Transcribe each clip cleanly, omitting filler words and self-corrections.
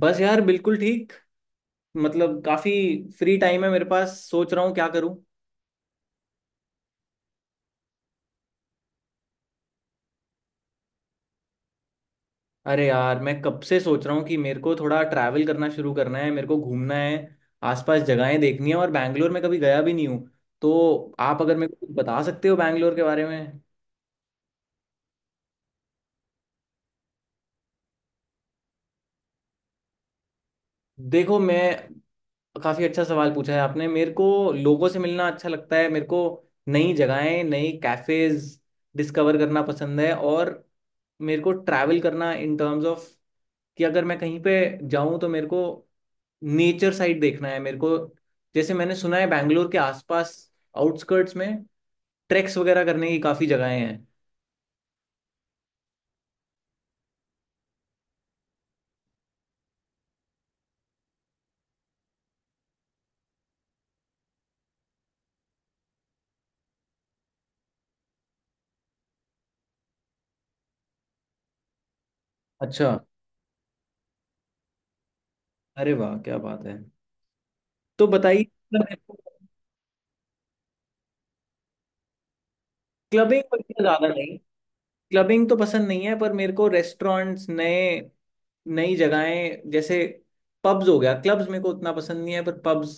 बस यार बिल्कुल ठीक। मतलब काफी फ्री टाइम है मेरे पास, सोच रहा हूँ क्या करूँ। अरे यार मैं कब से सोच रहा हूँ कि मेरे को थोड़ा ट्रैवल करना शुरू करना है, मेरे को घूमना है, आसपास जगहें देखनी है और बैंगलोर में कभी गया भी नहीं हूँ। तो आप अगर मेरे को कुछ बता सकते हो बैंगलोर के बारे में। देखो मैं, काफी अच्छा सवाल पूछा है आपने मेरे को। लोगों से मिलना अच्छा लगता है मेरे को, नई जगहें, नई कैफेज डिस्कवर करना पसंद है। और मेरे को ट्रैवल करना इन टर्म्स ऑफ कि अगर मैं कहीं पे जाऊं तो मेरे को नेचर साइड देखना है मेरे को। जैसे मैंने सुना है बैंगलोर के आसपास आउटस्कर्ट्स में ट्रैक्स वगैरह करने की काफी जगहें हैं। अच्छा। अरे वाह, क्या बात है। तो बताइए। क्लबिंग वगैरह ज्यादा नहीं, क्लबिंग तो पसंद नहीं है। पर मेरे को रेस्टोरेंट्स नए, नई जगहें, जैसे पब्स हो गया। क्लब्स मेरे को उतना पसंद नहीं है पर पब्स,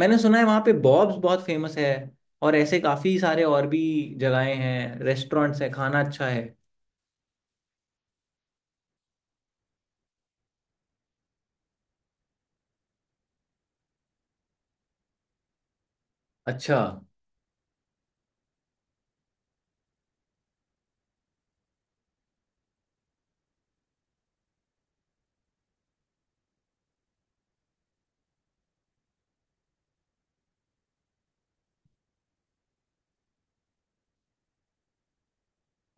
मैंने सुना है वहाँ पे बॉब्स बहुत फेमस है और ऐसे काफी सारे और भी जगहें हैं, रेस्टोरेंट्स हैं, खाना अच्छा है। अच्छा।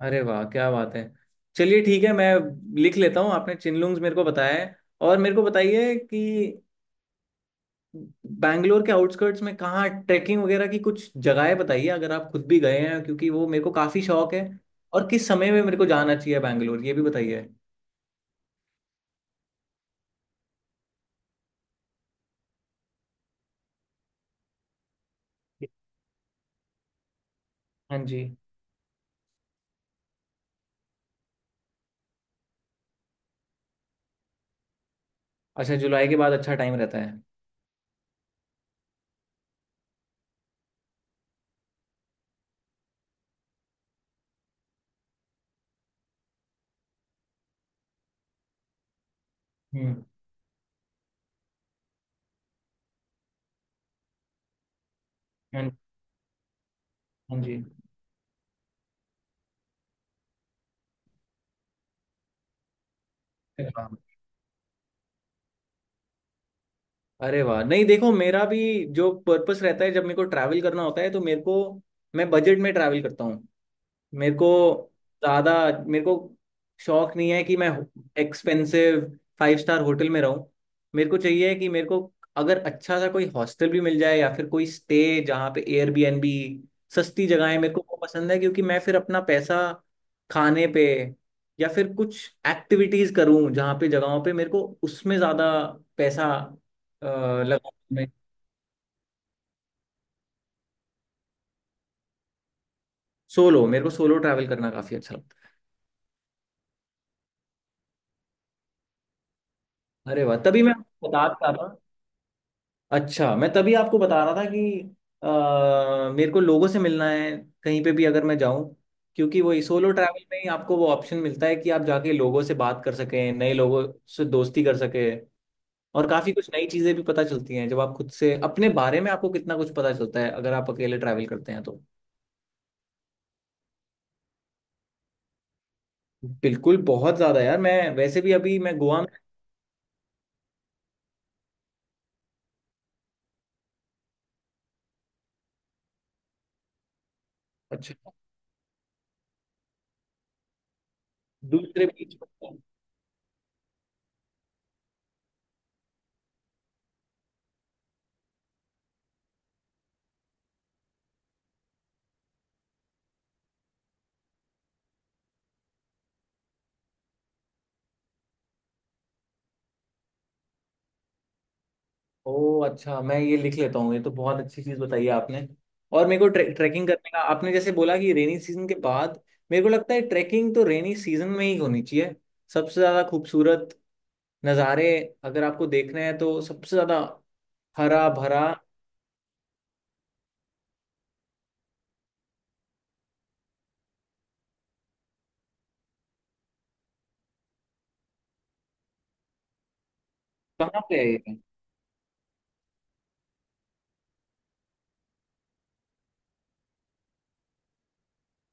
अरे वाह, क्या बात है। चलिए ठीक है, मैं लिख लेता हूँ। आपने चिनलुंग्स मेरे को बताया है। और मेरे को बताइए कि बैंगलोर के आउटस्कर्ट्स में कहाँ ट्रैकिंग वगैरह की, कुछ जगहें बताइए अगर आप खुद भी गए हैं, क्योंकि वो मेरे को काफ़ी शौक है। और किस समय में मेरे को जाना चाहिए बैंगलोर, ये भी बताइए। हाँ जी। अच्छा, जुलाई के बाद अच्छा टाइम रहता है। हम्म। हाँ। हाँ जी। अरे वाह। अरे वाह, नहीं देखो मेरा भी जो पर्पस रहता है जब मेरे को ट्रैवल करना होता है तो मेरे को, मैं बजट में ट्रैवल करता हूँ। मेरे को ज्यादा, मेरे को शौक नहीं है कि मैं एक्सपेंसिव फाइव स्टार होटल में रहूं। मेरे को चाहिए कि मेरे को अगर अच्छा सा कोई हॉस्टल भी मिल जाए या फिर कोई स्टे जहाँ पे एयरबीएनबी, सस्ती जगहें मेरे को वो पसंद है। क्योंकि मैं फिर अपना पैसा खाने पे या फिर कुछ एक्टिविटीज करूं, जहाँ पे जगहों पे मेरे को उसमें ज्यादा पैसा अ, लगा। सोलो, मेरे को सोलो ट्रैवल करना काफी अच्छा लगता है। अरे वाह, तभी मैं बता रहा था। अच्छा, मैं तभी आपको बता रहा था कि मेरे को लोगों से मिलना है, कहीं पे भी अगर मैं जाऊं। क्योंकि वही सोलो ट्रैवल में ही आपको वो ऑप्शन मिलता है कि आप जाके लोगों से बात कर सकें, नए लोगों से दोस्ती कर सकें। और काफ़ी कुछ नई चीज़ें भी पता चलती हैं जब आप खुद से, अपने बारे में आपको कितना कुछ पता चलता है अगर आप अकेले ट्रैवल करते हैं तो। बिल्कुल, बहुत ज़्यादा यार। मैं वैसे भी अभी मैं गोवा में, अच्छा दूसरे बीच पर था। ओ अच्छा, मैं ये लिख लेता हूँ, ये तो बहुत अच्छी चीज बताई है आपने। और मेरे को ट्रैकिंग करने का आपने जैसे बोला कि रेनी सीजन के बाद, मेरे को लगता है ट्रैकिंग तो रेनी सीजन में ही होनी चाहिए। सबसे ज्यादा खूबसूरत नज़ारे अगर आपको देखने हैं तो, सबसे ज्यादा हरा भरा। कहाँ पे है ये?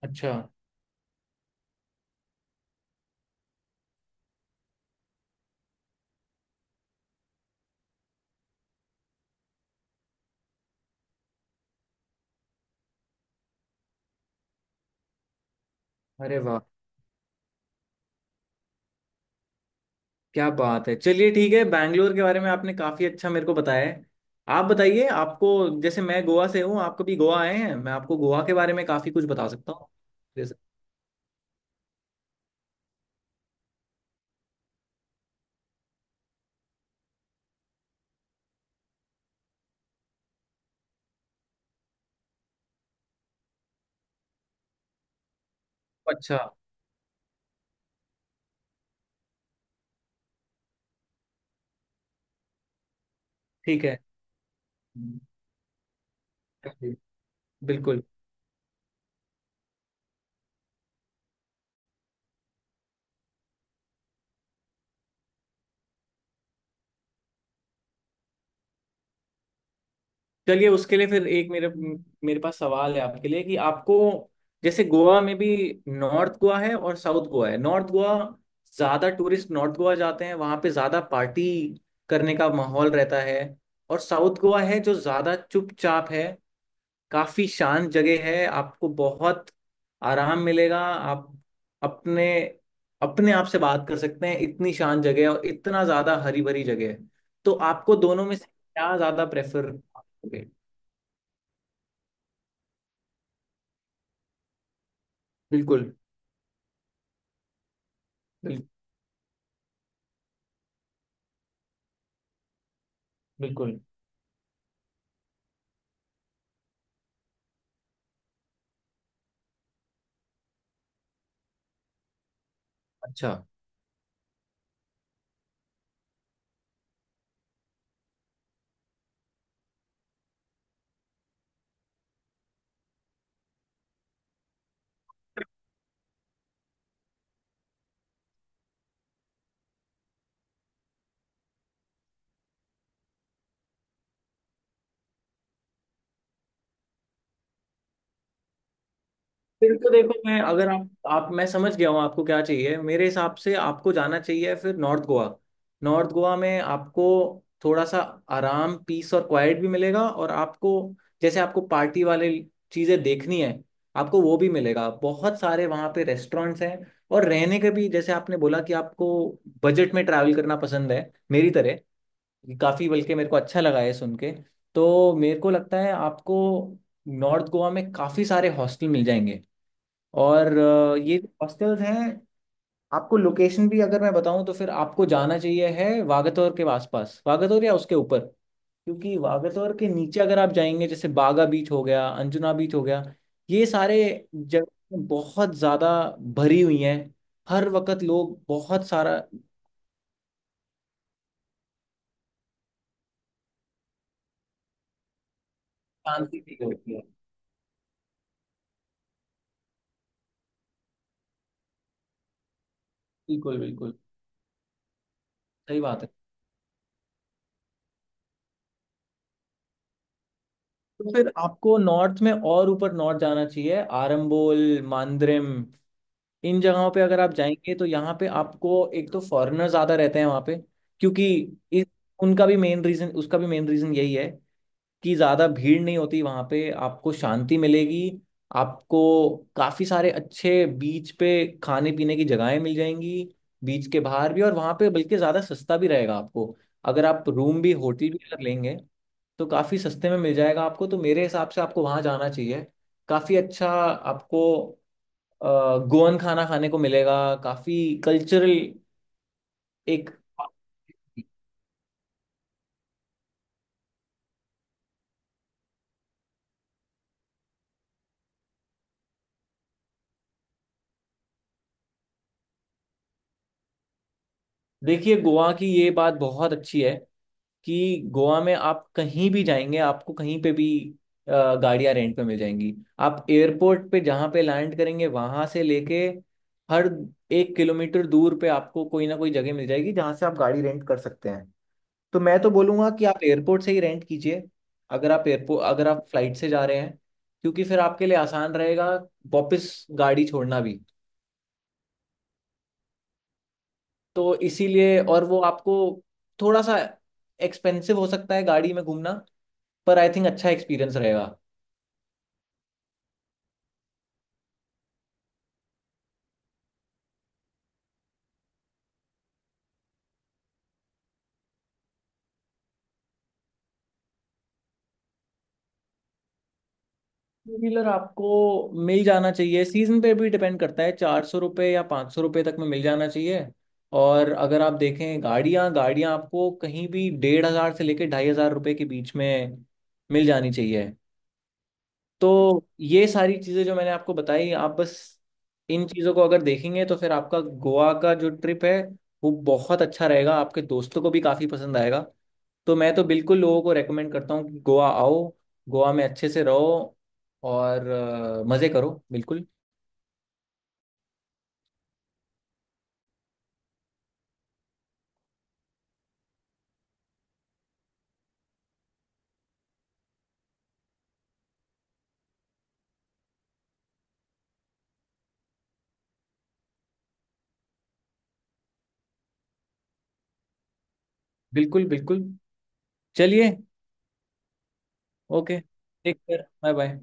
अच्छा। अरे वाह, क्या बात है। चलिए ठीक है, बैंगलोर के बारे में आपने काफी अच्छा मेरे को बताया है। आप बताइए आपको, जैसे मैं गोवा से हूँ, आप कभी गोवा आए हैं? मैं आपको गोवा के बारे में काफी कुछ बता सकता हूँ। जैसे, अच्छा। ठीक है। जी, बिल्कुल। चलिए उसके लिए फिर एक मेरे मेरे पास सवाल है आपके लिए कि आपको, जैसे गोवा में भी नॉर्थ गोवा है और साउथ गोवा है। नॉर्थ गोवा, ज्यादा टूरिस्ट नॉर्थ गोवा जाते हैं, वहां पे ज्यादा पार्टी करने का माहौल रहता है। और साउथ गोवा है जो ज्यादा चुपचाप है, काफी शांत जगह है, आपको बहुत आराम मिलेगा। आप अपने, अपने आप से बात कर सकते हैं, इतनी शांत जगह है और इतना ज्यादा हरी भरी जगह है। तो आपको दोनों में से क्या ज्यादा प्रेफर करोगे? बिल्कुल। बिल, बिल्कुल। अच्छा। फिर तो देखो मैं, अगर आप, आप, मैं समझ गया हूँ आपको क्या चाहिए। मेरे हिसाब से आपको जाना चाहिए फिर नॉर्थ गोवा। नॉर्थ गोवा में आपको थोड़ा सा आराम, पीस और क्वाइट भी मिलेगा। और आपको, जैसे आपको पार्टी वाले चीज़ें देखनी है, आपको वो भी मिलेगा। बहुत सारे वहाँ पे रेस्टोरेंट्स हैं और रहने के भी, जैसे आपने बोला कि आपको बजट में ट्रैवल करना पसंद है मेरी तरह, काफ़ी, बल्कि मेरे को अच्छा लगा है सुन के। तो मेरे को लगता है आपको नॉर्थ गोवा में काफ़ी सारे हॉस्टल मिल जाएंगे। और ये हॉस्टल्स हैं। आपको लोकेशन भी अगर मैं बताऊं तो, फिर आपको जाना चाहिए है वागतौर के आसपास, वागतौर या उसके ऊपर। क्योंकि वागतौर के नीचे अगर आप जाएंगे, जैसे बागा बीच हो गया, अंजुना बीच हो गया, ये सारे जगह बहुत ज्यादा भरी हुई हैं। हर वक्त लोग बहुत सारा, शांति फील होती है। बिल्कुल बिल्कुल, सही बात है। तो फिर आपको नॉर्थ में और ऊपर नॉर्थ जाना चाहिए, आरंबोल, मांद्रेम। इन जगहों पे अगर आप जाएंगे तो यहाँ पे आपको एक तो फॉरेनर ज्यादा रहते हैं वहाँ पे। क्योंकि इस, उनका भी मेन रीजन, उसका भी मेन रीजन यही है कि ज्यादा भीड़ नहीं होती वहाँ पे, आपको शांति मिलेगी। आपको काफी सारे अच्छे बीच पे खाने पीने की जगहें मिल जाएंगी, बीच के बाहर भी। और वहाँ पे बल्कि ज्यादा सस्ता भी रहेगा आपको, अगर आप रूम भी, होटल भी अगर लेंगे, तो काफी सस्ते में मिल जाएगा आपको। तो मेरे हिसाब से आपको वहाँ जाना चाहिए। काफी अच्छा आपको गोवन खाना खाने को मिलेगा, काफी कल्चरल एक। देखिए गोवा की ये बात बहुत अच्छी है कि गोवा में आप कहीं भी जाएंगे आपको कहीं पे भी गाड़ियां रेंट पे मिल जाएंगी। आप एयरपोर्ट पे जहाँ पे लैंड करेंगे वहां से लेके हर एक किलोमीटर दूर पे आपको कोई ना कोई जगह मिल जाएगी जहाँ से आप गाड़ी रेंट कर सकते हैं। तो मैं तो बोलूंगा कि आप एयरपोर्ट से ही रेंट कीजिए, अगर आप एयरपोर्ट, अगर आप फ्लाइट से जा रहे हैं, क्योंकि फिर आपके लिए आसान रहेगा वापस गाड़ी छोड़ना भी। तो इसीलिए, और वो आपको थोड़ा सा एक्सपेंसिव हो सकता है गाड़ी में घूमना, पर आई थिंक अच्छा एक्सपीरियंस रहेगा। टू व्हीलर आपको मिल जाना चाहिए, सीजन पे भी डिपेंड करता है, ₹400 या ₹500 तक में मिल जाना चाहिए। और अगर आप देखें गाड़ियाँ गाड़ियाँ आपको कहीं भी 1,500 से लेके ₹2,500 के बीच में मिल जानी चाहिए। तो ये सारी चीज़ें जो मैंने आपको बताई, आप बस इन चीज़ों को अगर देखेंगे तो फिर आपका गोवा का जो ट्रिप है वो बहुत अच्छा रहेगा। आपके दोस्तों को भी काफ़ी पसंद आएगा। तो मैं तो बिल्कुल लोगों को रेकमेंड करता हूँ कि गोवा आओ, गोवा में अच्छे से रहो और मज़े करो। बिल्कुल बिल्कुल बिल्कुल। चलिए। Okay, take care. Bye bye.